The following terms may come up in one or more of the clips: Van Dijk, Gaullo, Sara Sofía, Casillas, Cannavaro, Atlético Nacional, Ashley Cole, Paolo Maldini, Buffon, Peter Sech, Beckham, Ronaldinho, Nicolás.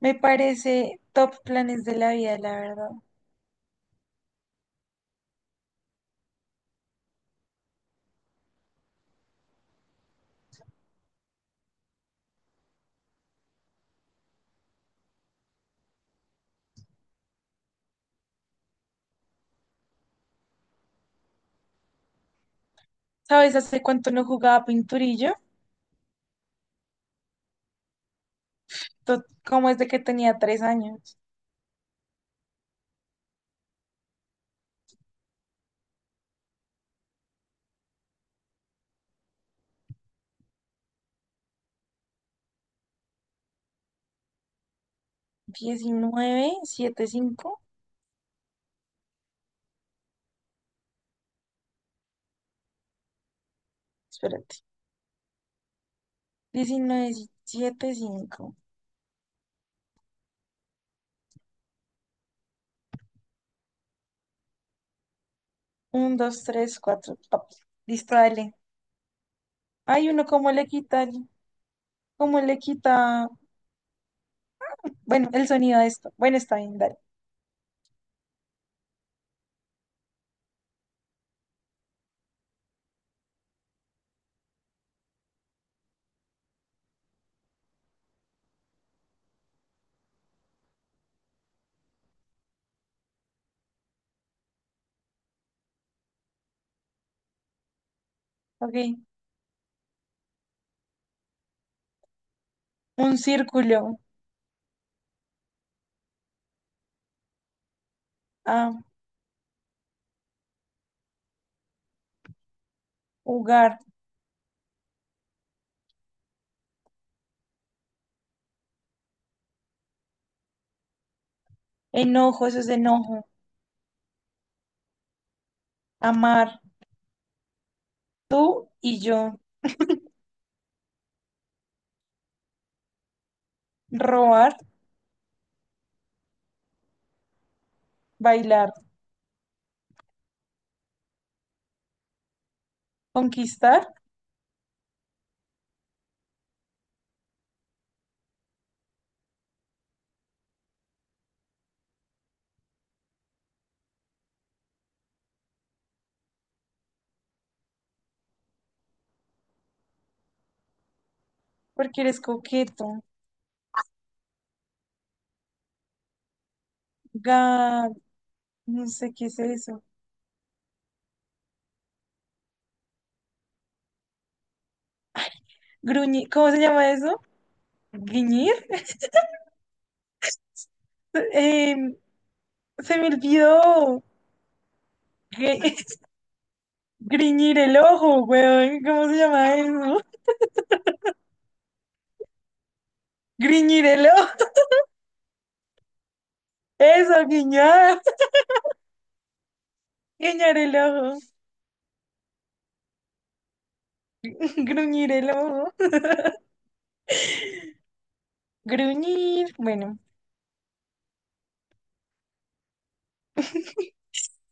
Me parece top planes de la vida, la verdad. ¿Sabes hace cuánto no jugaba pinturillo? ¿Cómo es de que tenía 3 años? 19 7 5. Espérate. 19 7 5, 1234. Listo, dale. Hay uno, ¿cómo le quita? ¿Cómo le quita? Bueno, el sonido de esto. Bueno, está bien, dale. Ok. Un círculo. A, jugar, enojo, eso es de enojo, amar, tú y yo, robar, bailar, conquistar, porque eres coqueto, ga, no sé qué es eso, gruñir, ¿cómo se llama eso? ¿Griñir? Eh, se me olvidó, gri- griñir el ojo, weón, ¿cómo se llama eso? Griñir el ojo, eso, guiñar, guiñar el ojo, gruñir el ojo, gruñir, bueno.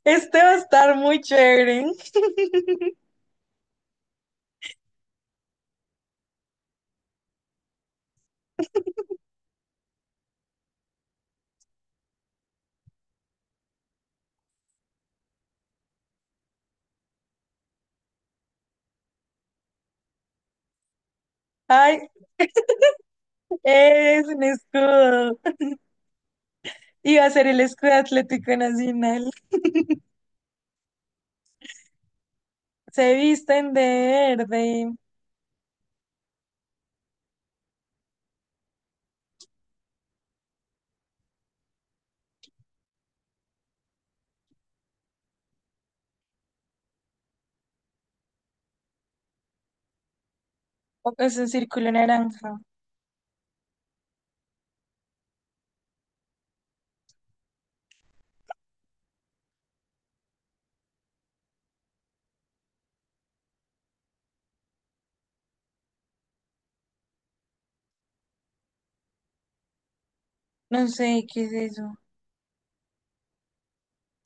Este va a estar muy chévere. Ay, es un escudo. Iba a ser el escudo Atlético Nacional. Se visten de verde. O es un círculo naranja. No sé qué es eso.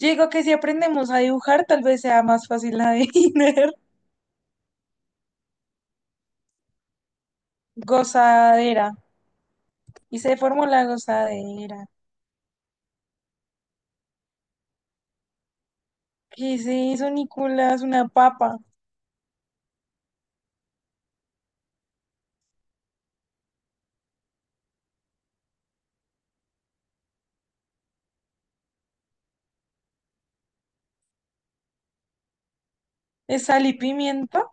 Yo digo que si aprendemos a dibujar, tal vez sea más fácil adivinar. Gozadera. Y se formó la gozadera. ¿Qué es eso, Nicolás? Una papa. ¿Es sal y pimienta?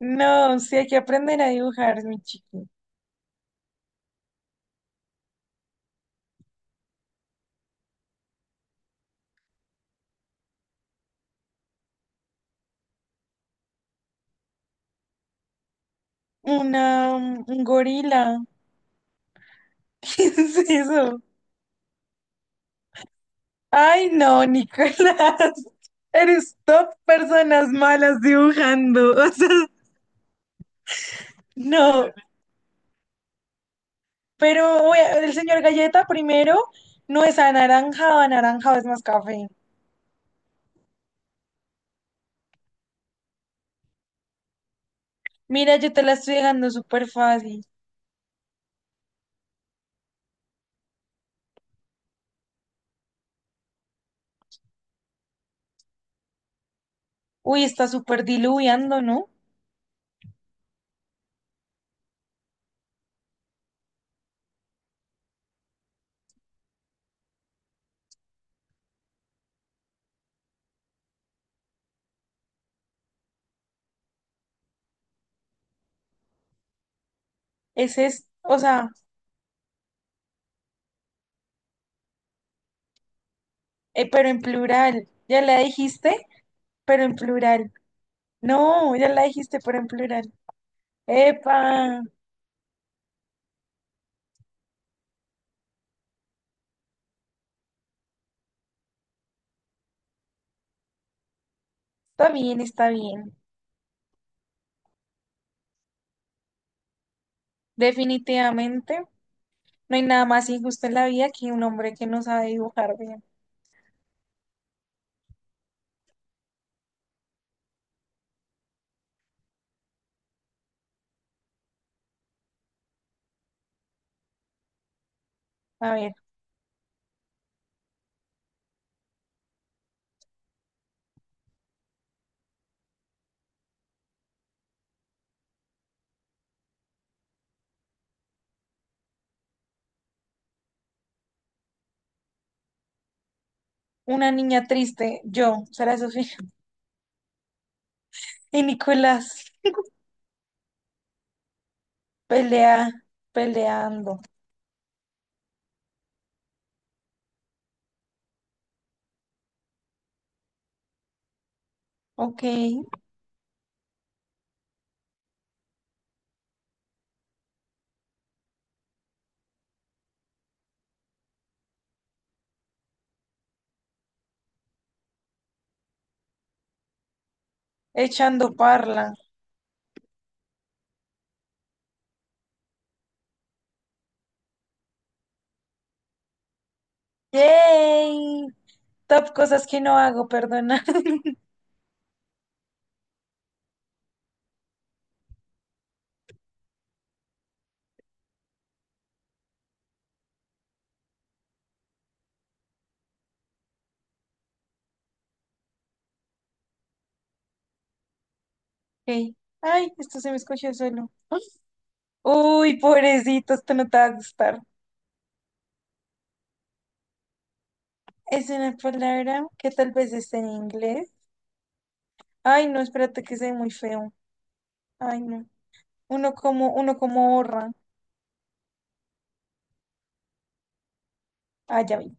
No, sí hay que aprender a dibujar, mi chico. Un gorila. ¿Qué es eso? Ay, no, Nicolás, eres top personas malas dibujando. O sea, no, pero oye, el señor Galleta primero no es anaranjado, anaranjado es más café. Mira, yo te la estoy dejando súper fácil. Uy, está súper diluviando, ¿no? Ese es, o sea, pero en plural. Ya la dijiste, pero en plural. No, ya la dijiste, pero en plural. Epa, está bien, está bien. Definitivamente. No hay nada más injusto en la vida que un hombre que no sabe dibujar bien. A ver, una niña triste, yo, Sara Sofía, y Nicolás, pelea, peleando, ok, echando parla. ¡Yay! Top cosas que no hago, perdona. Ok. Ay, esto se me escuchó solo. Uy, pobrecito, esto no te va a gustar. Es una palabra que tal vez esté en inglés. Ay, no, espérate que se ve muy feo. Ay, no. Uno como borra. Ah, ya vi.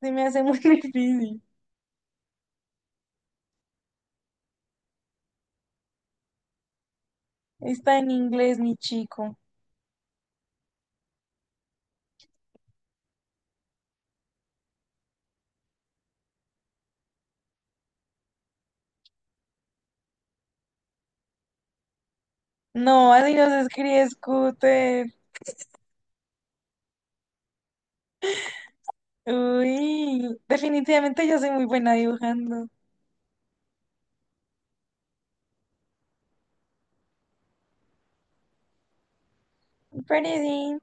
Se me hace muy difícil. Está en inglés, mi chico. No, así no se escribe scooter. Uy, definitivamente yo soy muy buena dibujando. Pretty.